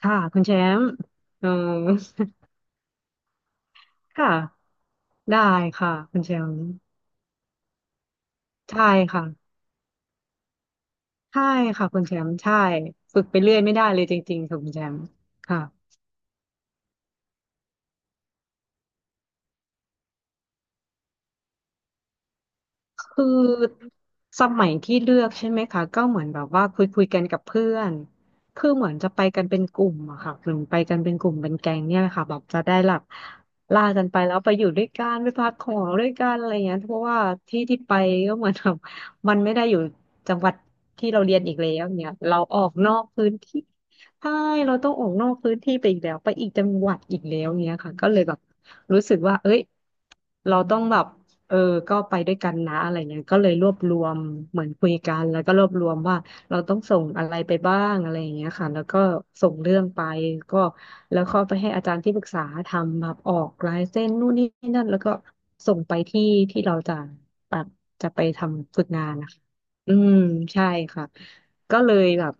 ค่ะคุณแชมป์เออค่ะได้ค่ะคุณแชมป์ใช่ค่ะใช่ค่ะคุณแชมป์ใช่ฝึกไปเรื่อยไม่ได้เลยจริงๆค่ะคุณแชมป์ค่ะ คือสมัยที่เลือกใช่ไหมคะก็เหมือนแบบว่าคุยกันกับเพื่อนคือเหมือนจะไปกันเป็นกลุ่มอะค่ะหมือไปกันเป็นกลุ่มเป็นแก๊งเนี่ยแหละค่ะแบบจะได้หลับล่ากันไปแล้วไปอยู่ด้วยกันไปพักของด้วยกันอะไรเงี้ยเพราะว่าที่ที่ไปก็เหมือนแบบมันไม่ได้อยู่จังหวัดที่เราเรียนอีกแล้วเนี่ยเราออกนอกพื้นที่ใช่เราต้องออกนอกพื้นที่ไปอีกแล้วไปอีกจังหวัดอีกแล้วเนี่ยค่ะก็เลยแบบรู้สึกว่าเอ้ยเราต้องแบบ เออก็ไปด้วยกันนะอะไรเงี้ยก็เลยรวบรวมเหมือนคุยกันแล้วก็รวบรวมว่าเราต้องส่งอะไรไปบ้างอะไรอย่างเงี้ยค่ะแล้วก็ส่งเรื่องไปก็แล้วก็ไปให้อาจารย์ที่ปรึกษาทำแบบออกลายเส้นนู่นนี่นั่นแล้วก็ส่งไปที่ที่เราจะ จะไปทำฝึกงานนะคะอืมใช่ค่ะ ก็เลยแบบ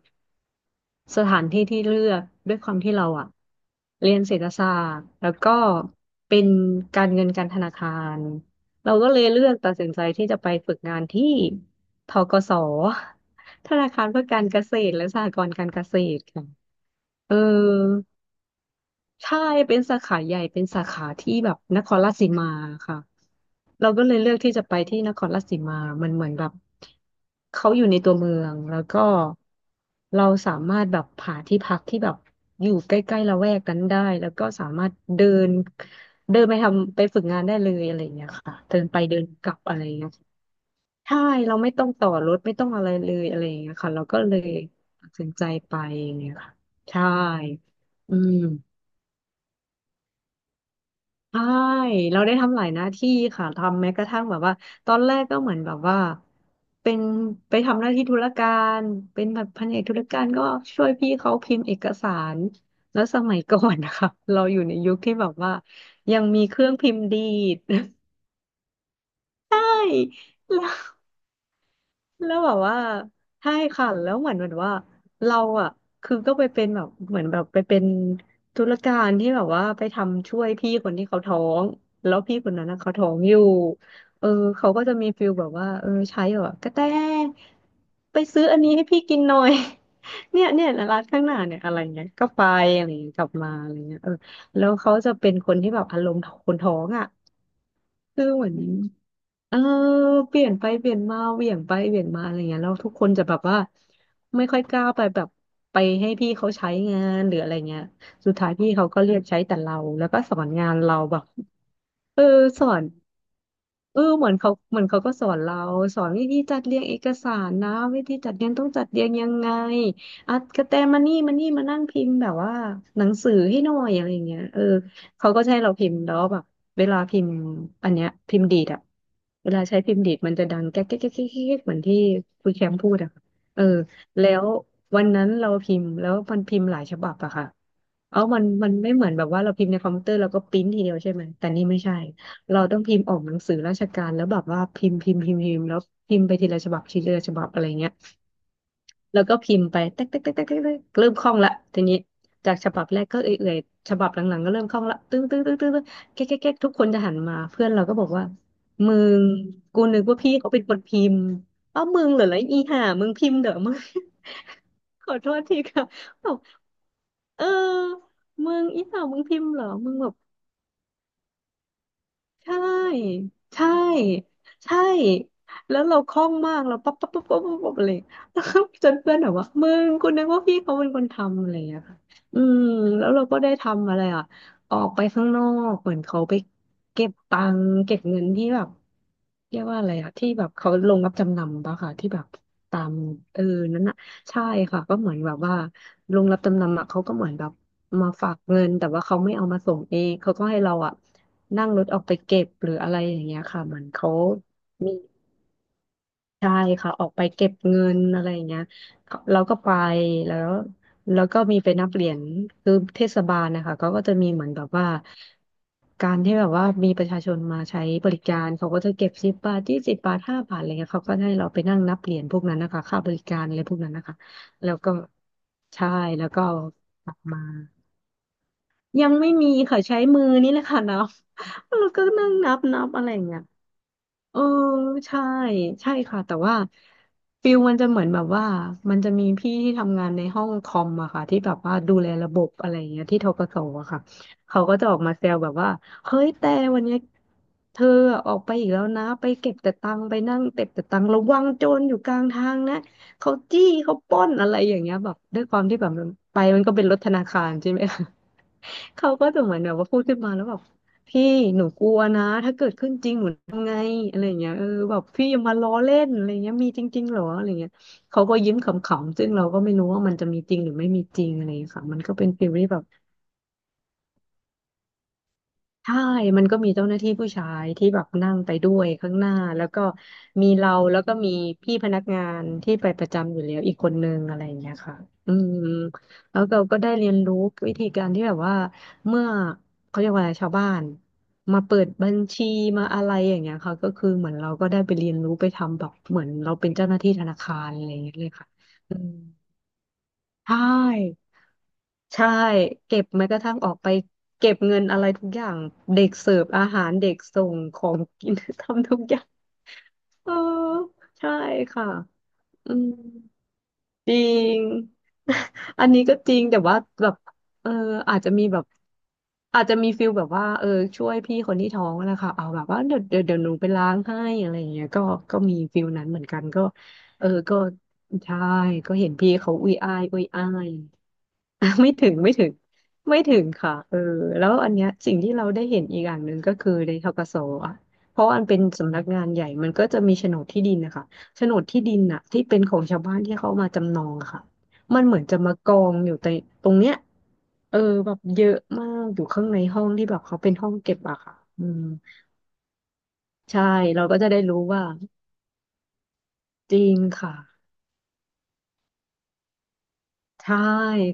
สถานที่ที่เลือกด้วยความที่เราอะเรียนเศรษฐศาสตร์แล้วก็เป็นการเงินการธนาคารเราก็เลยเลือกตัดสินใจที่จะไปฝึกงานที่ธกส ธนาคารเพื่อการเกษตรและสหกรณ์การเกษตรค่ะเออ ใช่เป็นสาขาใหญ่เป็นสาขาที่แบบนครราชสีมาค่ะเราก็เลยเลือกที่จะไปที่นครราชสีมามันเหมือนแบบเขาอยู่ในตัวเมืองแล้วก็เราสามารถแบบหาที่พักที่แบบอยู่ใกล้ๆละแวกนั้นได้แล้วก็สามารถเดินเดินไปทำไปฝึกงานได้เลยอะไรอย่างเงี้ยค่ะเดินไปเดินกลับอะไรอย่างเงี้ยใช่เราไม่ต้องต่อรถไม่ต้องอะไรเลยอะไรอย่างเงี้ยค่ะเราก็เลยตัดสินใจไปอย่างเงี้ยค่ะใช่ อืม ใช่ เราได้ทำหลายหน้าที่ค่ะ ทำแม้กระทั่งแบบว่า ตอนแรกก็เหมือนแบบว่า เป็นไปทำหน้าที่ธุรการ เป็นแบบแผนกธุรการก็ช่วยพี่เขาพิมพ์เอกสาร แล้วสมัยก่อนนะคะเราอยู่ในยุคที่แบบว่า ยังมีเครื่องพิมพ์ดีด แล้ว แล้วแบบว่าใช่ค่ะแล้วเหมือนว่าเราอ่ะคือก็ไปเป็นแบบเหมือนแบบไปเป็นธุรการที่แบบว่าไปทำช่วยพี่คนที่เขาท้องแล้วพี่คนนั้นนะเขาท้องอยู่เออเขาก็จะมีฟิลแบบว่าใช้แบบว่ากระแตไปซื้ออันนี้ให้พี่กินหน่อย เนี่ยเนี่ยร้านข้างหน้าเนี่ยอะไรเงี้ยก็ไปอะไรเงี้ยกลับมาอะไรเงี้ยแล้วเขาจะเป็นคนที่แบบอารมณ์คนท้องอ่ะคือเหมือน เออเปลี่ยนไปเปลี่ยนมาเหวี่ยงไปเหวี่ยงมาอะไรเงี้ยแล้วทุกคนจะแบบว่าไม่ค่อยกล้าไปแบบไปให้พี่เขาใช้งานหรืออะไรเงี้ยสุดท้ายพี่เขาก็เรียกใช้แต่เราแล้วก็สอนงานเราแบบเออสอน เหมือนเขาก็สอนเราสอนวิธีจัดเรียงเอกสารนะวิธีจัดเรียงต้องจัดเรียงยังไงอ่ะกระแตมานี่มานั่งพิมพ์แบบว่าหนังสือให้หน่อยอะไรอย่างเงี้ยเขาก็จะให้เราพิมพ์แล้วแบบเวลาพิมพ์อันเนี้ยพิมพ์ดีดอะเวลาใช้พิมพ์ดีดมันจะดังแก๊กแก๊กแก๊กแก๊กแก๊กเหมือนที่คุณแชมป์พูดอะเออแล้ววันนั้นเราพิมพ์แล้วมันพิมพ์หลายฉบับอะค่ะเอามันไม่เหมือนแบบว่าเราพิมพ์ในคอมพิวเตอร์แล้วก็ปริ้นทีเดียวใช่ไหมแต่นี่ไม่ใช่ เราต้องพิมพ์ออกหนังสือราชการแล้วแบบว่าพิมพ์แล้วพิมพ์ไปทีละฉบับทีละฉบับอะไรเงี้ยแล้วก็พิมพ์ไปเต๊กเต๊กเต๊กเต๊กเต๊กเต๊กเริ่มคล่องละทีนี้จากฉบับแรกก็เอื่อยๆฉบับหลังๆก็เริ่มคล่องละตึ้งตึ้งตึ้งตึ้งตึ้งแก๊กแก๊กแก๊กทุกคนจะหันมาเพื่อนเราก็บอกว่ามึงกูนึกว่าพี่เขาเป็นคนพิมพ์อ้าวมึงเหรอแล้วอีห่ามึงพิมพ์เหรอมึง ขอโทษทีค่ะบอกเออมึงอีห่าวมึงพิมพ์เหรอมึงแบบ ใช่ใช่ใช่แล้วเราคล่องมากเราปั๊บปั๊บปั๊บปั๊บปั๊บปั๊บอะไรแล้วก็ จนเพื่อนแบบว่ามึงกูนึกว่าพี่เขาเป็นคนทำอะไรอย่างเงี้ยค่ะอืมแล้วเราก็ได้ทำอะไรอ่ะออกไปข้างนอกเหมือนเขาไปเก็บตังค์เก็บเงินที่แบบเรียกว่าอะไรอ่ะที่แบบเขาลงรับจำนำปะค่ะที่แบบตามเออนั่นน่ะใช่ค่ะก็เหมือนแบบว่าลงรับจำนำอ่ะเขาก็เหมือนแบบมาฝากเงินแต่ว่าเขาไม่เอามาส่งเองเขาก็ให้เราอ่ะ นั่งรถออกไปเก็บหรืออะไรอย่างเงี้ยค่ะเหมือนเขามีใช่ค่ะออกไปเก็บเงินอะไรอย่างเงี้ยเขาเราก็ไปแล้วแล้วก็มีไปนับเหรียญคือเทศบาลนะคะเขาก็จะมีเหมือนแบบว่าการที่แบบว่ามีประชาชนมาใช้บริการเขาก็จะเก็บสิบบาทยี่สิบบาทห้าบาทอะไรเงี้ยเขาก็ให้เราไปนั่งนับเหรียญพวกนั้นนะคะค่าบริการอะไรพวกนั้นนะคะแล้วก็ใช่แล้วก็เอากลับมา ยังไม่มีค่ะใช้มือนี่แหละค่ะนับ แล้วก็นั่งนับอะไรอย่างเงี้ยเออใช่ใช่ค่ะแต่ว่าฟิลมันจะเหมือนแบบว่ามันจะมีพี่ที่ทำงานในห้องคอมอะค่ะที่แบบว่าดูแลระบบอะไรอย่างเงี้ยที่ธกสอะค่ะเขาก็จะออกมาแซวแบบว่าเฮ้ยแต่วันเนี้ยเธอออกไปอีกแล้วนะไปเก็บแต่ตังค์ไปนั่งเก็บแต่ตังค์ระวังโจรอยู่กลางทางนะเขาจี้เขาปล้นอะไรอย่างเงี้ยแบบด้วยความที่แบบมันไปมันก็เป็นรถธนาคารใช่ไหมคะ เขาก็จะเหมือนแบบว่าพูดขึ้นมาแล้วแบบพี่หนูกลัวนะถ้าเกิดขึ้นจริงหนูทำไงอะไรอย่างเงี้ยเออแบบพี่อย่ามาล้อเล่นอะไรเงี้ยมีจริงๆเหรออะไรเงี้ยเขาก็ยิ้มขำๆซึ่งเราก็ไม่รู้ว่ามันจะมีจริงหรือไม่มีจริงอะไรอย่างเงี้ยค่ะมันก็เป็นฟีลที่แบบ ใช่มันก็มีเจ้าหน้าที่ผู้ชายที่แบบนั่งไปด้วยข้างหน้าแล้วก็มีเราแล้วก็มีพี่พนักงานที่ไปประจำอยู่แล้วอีกคนนึงอะไรอย่างเงี้ยค่ะอืมแล้วเราก็ได้เรียนรู้วิธีการที่แบบว่าเมื่อเขาเรียกว่าอะไรชาวบ้านมาเปิดบัญชีมาอะไรอย่างเงี้ยค่ะก็คือเหมือนเราก็ได้ไปเรียนรู้ไปทำแบบเหมือนเราเป็นเจ้าหน้าที่ธนาคารอะไรอย่างเงี้ยเลยค่ะอืมใช่ ใช่เก็บแม้กระทั่งออกไปเก็บเงินอะไรทุกอย่างเด็กเสิร์ฟอาหารเด็กส่งของกิน ทำทุกอย่างเออใช่ค่ะอืมจริง อันนี้ก็จริงแต่ว่าแบบเอออาจจะมีแบบอาจจะมีฟิลแบบว่าเออช่วยพี่คนที่ท้องนะคะเอาแบบว่าเดี๋ยวหนูไปล้างให้อะไรอย่างเงี้ยก็ก็มีฟิลนั้นเหมือนกันก็เออก็ใช่ก็เห็นพี่เขาอุ้ยอ้ายอุ้ยอ้าย อ่ะไม่ถึงค่ะเออแล้วอันเนี้ยสิ่งที่เราได้เห็นอีกอย่างหนึ่งก็คือในธกสอ่ะเพราะอันเป็นสำนักงานใหญ่มันก็จะมีโฉนดที่ดินนะคะโฉนดที่ดินน่ะที่เป็นของชาวบ้านที่เขามาจำนองอะค่ะมันเหมือนจะมากองอยู่ในตรงเนี้ยเออแบบเยอะมากอยู่ข้างในห้องที่แบบเขาเป็นห้องเก็บอะค่ะอืมใช่เราก็จะได้รู้ว่าจริงค่ะ ใช่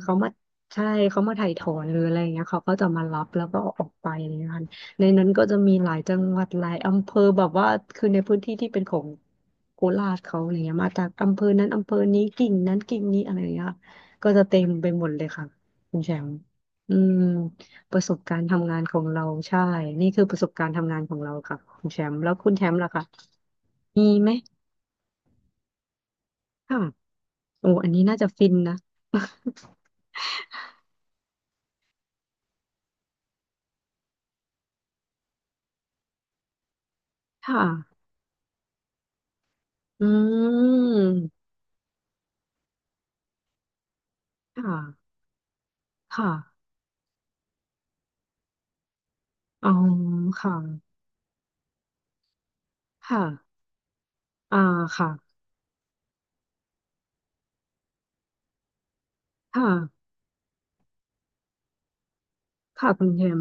เขามาใช่เขามาถ่ายถอนหรืออะไรอย่างเงี้ยเขาก็จะมารับแล้วก็เอาออกไปอะไรอย่างเงี้ยค่ะในนั้นก็จะมีหลายจังหวัดหลายอำเภอแบบว่าคือในพื้นที่ที่เป็นของโคราชเขาอะไรเงี้ยมาจากอำเภอนั้นอำเภอนี้กิ่งนั้นกิ่งนี้อะไรอย่างเงี้ยก็จะเต็มไปหมดเลยค่ะคุณแชมป์อืมประสบการณ์ทำงานของเราใช่นี่คือประสบการณ์ทำงานของเราค่ะคุณแชมป์แล้วคุณแชมป์ล่ะคะมีไหมค่ะโอ้อันนี้น่าจะฟินนะ ค่ะอืม ค่ะค่ะอ๋อค่ะค่ะอ่าค่ะค่ะค่ะคุณเทม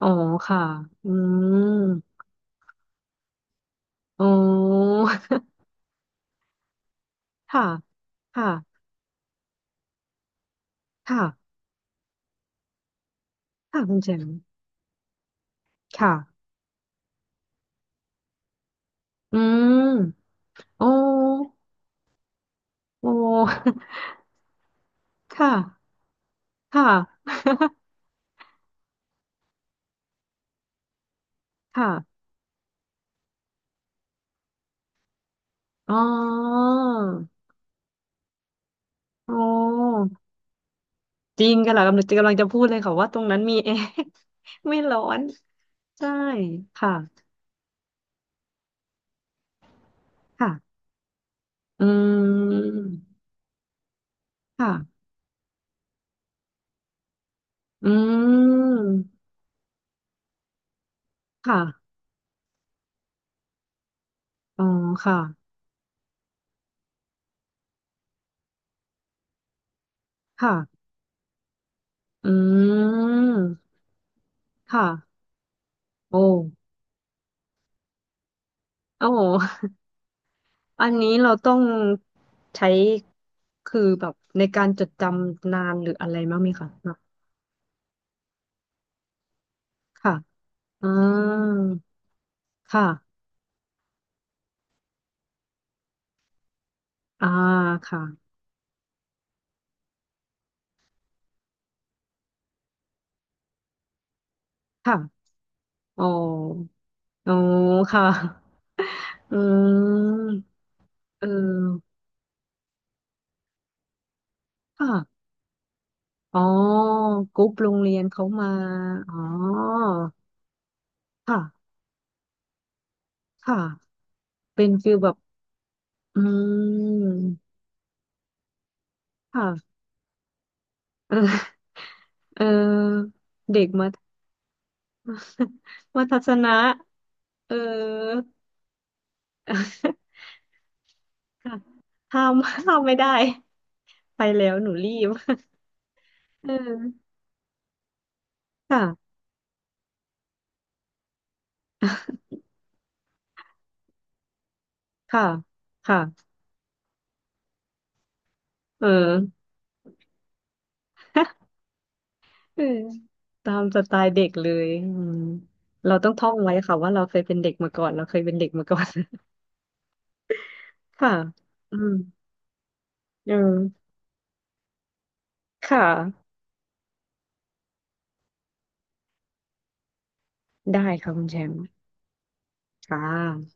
อ๋อค่ะอืมอ๋อ ค่ะค่ะค่ะค่ะคุณเทมค่ะอืมอ๋ออ๋อ ค่ะค่ะค่ะอ๋ออ๋อจริงค่ะกำลังจะพูดเลยค่ะว่าตรงนั้นมี แอร์ไม่ร้อนใช่ค่ะค่ะอืมค่ะ อืม ค่ะ อ๋อค่ะค่ะอืมค่ะ โอ้โอ้โหอันนี้เราต้องใช้คือแบบในการจดจำนานหรืออะไรมั้างไหมคะเนอะค่ะอ่าค่ะอ่าค่ะค่ะอ๋ออ๋อค่ะอืมเออค่ะอ๋อกรุ๊ปโรงเรียนเขามาอ๋อค่ะค่ะเป็นฟิลแบบ อืมค่ะเออเออเด็กมัธ มัธยสนะเออค่ะ ห้ามห้ามไม่ได้ไปแล้วหนูรีบ เออค่ะค่ะค่ะเออ เออตามสไตล์เด็กเลยอืมเราต้องท่องไว้ค่ะว่าเราเคยเป็นเด็กมาก่อนเราเคยเป็นเด็กมาก่อน ค่ะอืมเออค่ะได้ค่ะคุณแชมป์ค่ะ